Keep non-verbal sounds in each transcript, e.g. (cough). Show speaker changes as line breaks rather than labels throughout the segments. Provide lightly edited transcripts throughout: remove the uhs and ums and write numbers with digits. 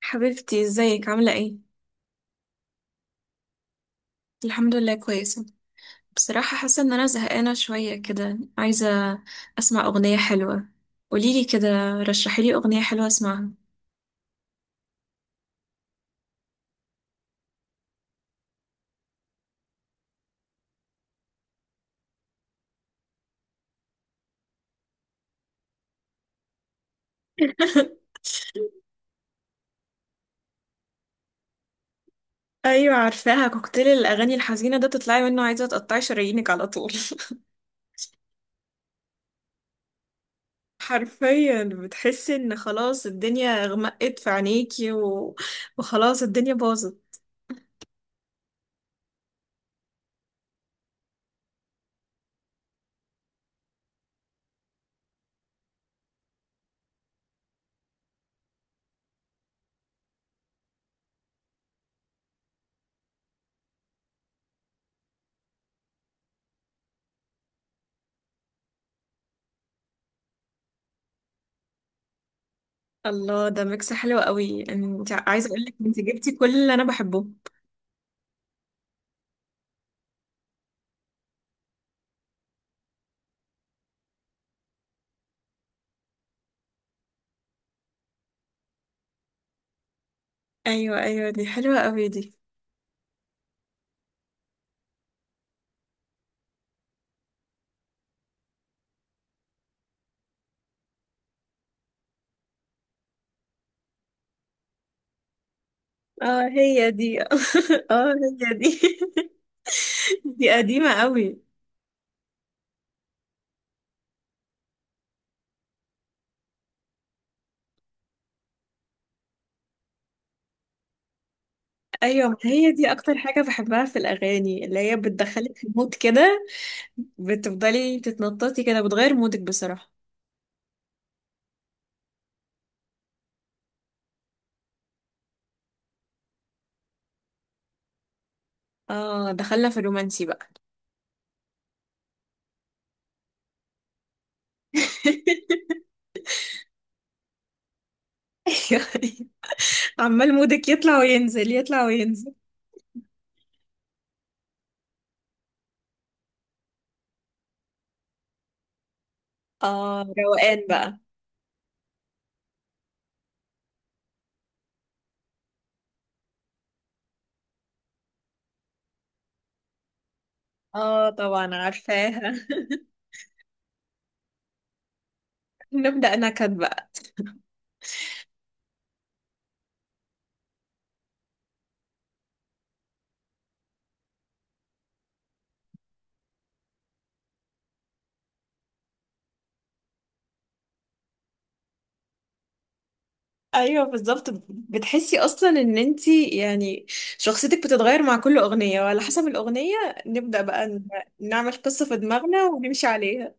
حبيبتي ازيك عاملة ايه؟ الحمد لله كويسة. بصراحة حاسة ان انا زهقانة شوية كده، عايزة اسمع اغنية حلوة. قوليلي كده، رشحيلي اغنية حلوة اسمعها. (laughs) ايوه عارفاها، كوكتيل الاغاني الحزينة ده تطلعي منه عايزة تقطعي شرايينك على طول. (laughs) حرفيا بتحسي ان خلاص الدنيا غمقت في عينيكي وخلاص الدنيا باظت. الله، ده ميكس حلو قوي، انت عايزة اقولك انت جبتي كل اللي انا بحبه. ايوه ايوه، دي حلوة قوي دي. اه هي دي. (laughs) اه هي دي. (laughs) دي قديمة قوي. ايوه ما هي دي اكتر حاجة بحبها في الاغاني، اللي هي بتدخلك في مود كده، بتفضلي تتنططي كده، بتغير مودك بصراحة. اه دخلنا في الرومانسي بقى. (laughs) ايوه، عمال مودك يطلع وينزل، يطلع وينزل. اه روقان بقى. اه طبعا عارفاها. (laughs) نبدأ نكد بقى. ايوه بالظبط، بتحسي اصلا ان انتي يعني شخصيتك بتتغير مع كل اغنيه وعلى حسب الاغنيه. نبدا بقى ن- نعمل قصه في دماغنا ونمشي عليها.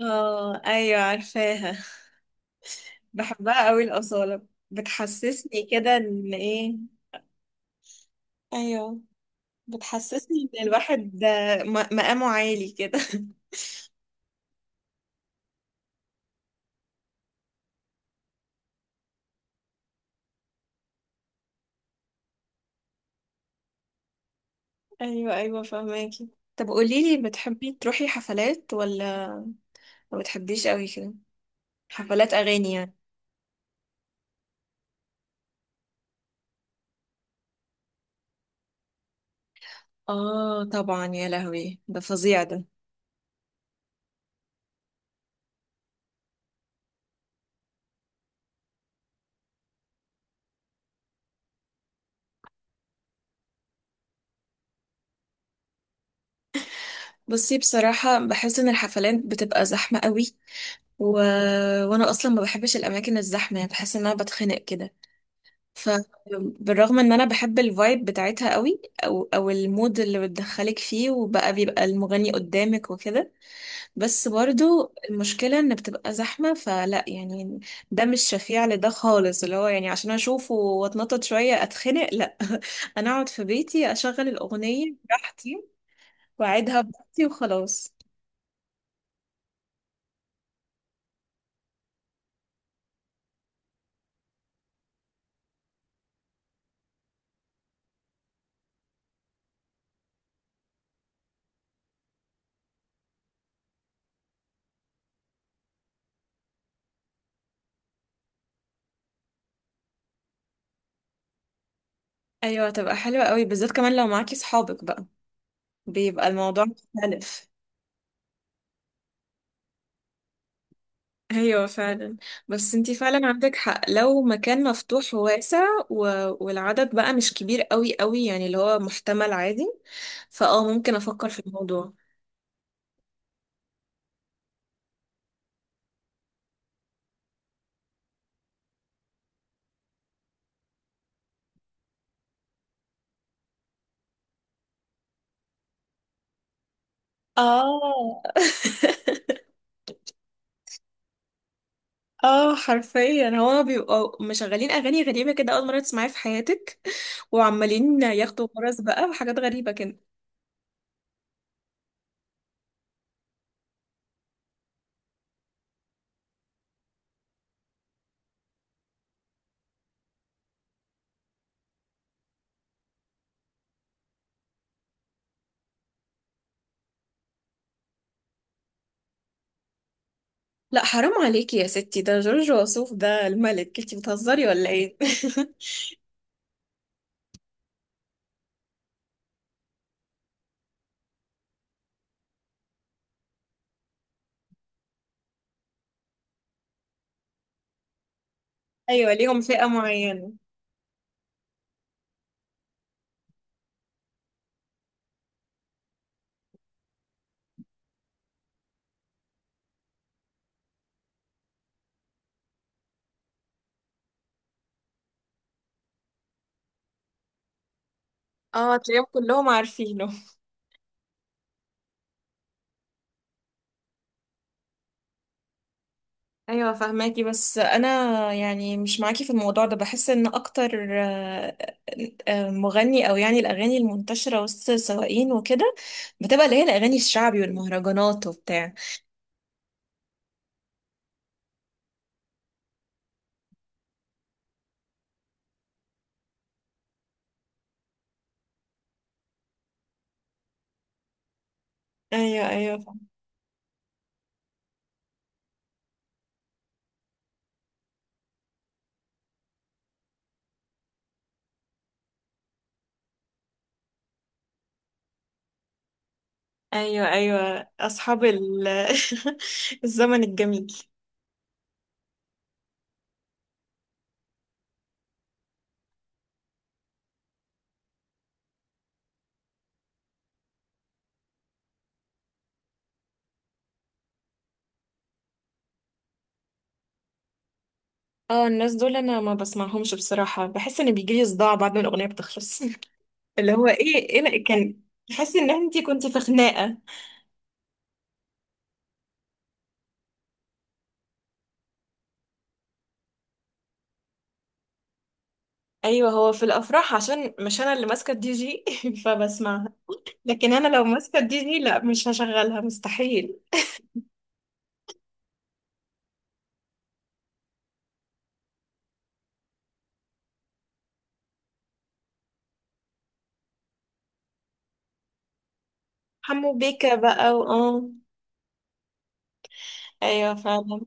اه ايوه عارفاها. بحبها قوي الاصاله، بتحسسني كده ان ايه. ايوه بتحسسني ان الواحد ده مقامه عالي كده. (laughs) ايوه ايوه فهماكي. طب قوليلي، بتحبي تروحي حفلات ولا ما بتحبيش قوي كده؟ حفلات اغاني يعني. اه طبعا، يا لهوي ده فظيع ده. بصي بصراحة بحس ان الحفلات بتبقى زحمة قوي، و... وانا اصلا ما بحبش الاماكن الزحمة، يعني بحس ان انا بتخنق كده. فبالرغم ان انا بحب الفايب بتاعتها قوي، او او المود اللي بتدخلك فيه، وبقى بيبقى المغني قدامك وكده، بس برضو المشكلة ان بتبقى زحمة، فلا يعني ده مش شفيع لده خالص، اللي هو يعني عشان اشوفه واتنطط شوية اتخنق، لا. (laughs) انا اقعد في بيتي اشغل الاغنية براحتي واعدها بنفسي وخلاص. ايوه هتبقى حلوة قوي، بالذات كمان لو معاكي صحابك بقى بيبقى الموضوع مختلف. ايوه فعلا. بس انتي فعلا عندك حق، لو مكان مفتوح وواسع و... والعدد بقى مش كبير قوي قوي، يعني اللي هو محتمل عادي، فاه ممكن افكر في الموضوع. اه. (laughs) اه حرفيا هو بيبقوا مشغلين اغاني غريبة كده، اول مرة تسمعيها في حياتك، وعمالين ياخدوا فرص بقى وحاجات غريبة كده. لا حرام عليكي يا ستي، ده جورج وسوف، ده الملك، انتي بتهزري ولا ايه؟ (laughs) ايوه ليهم فئة معينة. اه تلاقيهم كلهم عارفينه. ايوه فهماكي، بس انا يعني مش معاكي في الموضوع ده. بحس ان اكتر مغني او يعني الاغاني المنتشرة وسط السواقين وكده بتبقى اللي هي الاغاني الشعبي والمهرجانات وبتاع. ايوه ايوه ايوه ايوه. اصحاب ال- (laughs) الزمن الجميل. اه الناس دول انا ما بسمعهمش بصراحة، بحس ان بيجيلي صداع بعد ما الأغنية بتخلص. (laughs) اللي هو ايه ايه كان بحس ان انتي كنتي في خناقة. ايوه هو في الافراح عشان مش انا اللي ماسكة الدي جي. (laughs) فبسمعها. لكن انا لو ماسكة الدي جي لا، مش هشغلها مستحيل. حمو بيكا بقى، واه. ايوه فعلا.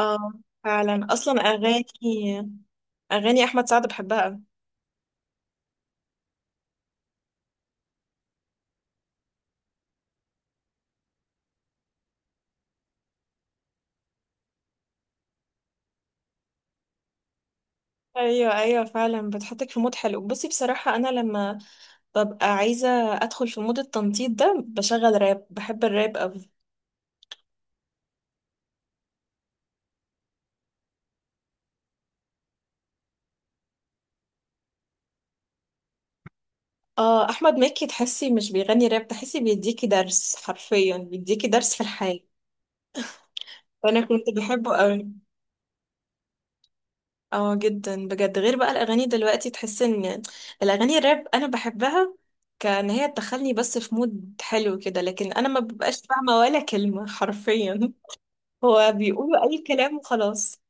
اه فعلا، اصلا اغاني، اغاني احمد سعد بحبها أوي. ايوه ايوه فعلا، بتحطك في مود حلو. بصي بصراحة انا لما ببقى عايزة أدخل في مود التنطيط ده بشغل راب، بحب الراب أوي. اه أحمد مكي، تحسي مش بيغني راب، تحسي بيديكي درس، حرفيا بيديكي درس في الحياة. وأنا كنت بحبه أوي. اه جدا بجد، غير بقى الأغاني دلوقتي. تحس إن الأغاني الراب أنا بحبها، كان هي تدخلني بس في مود حلو كده، لكن أنا ما ببقاش فاهمة ولا كلمة. (laughs) حرفيا هو بيقولوا أي كلام وخلاص.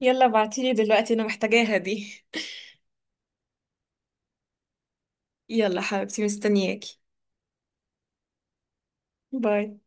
يلا ابعتيلي دلوقتي، أنا محتاجاها دي. يلا حبيبتي مستنياكي. باي.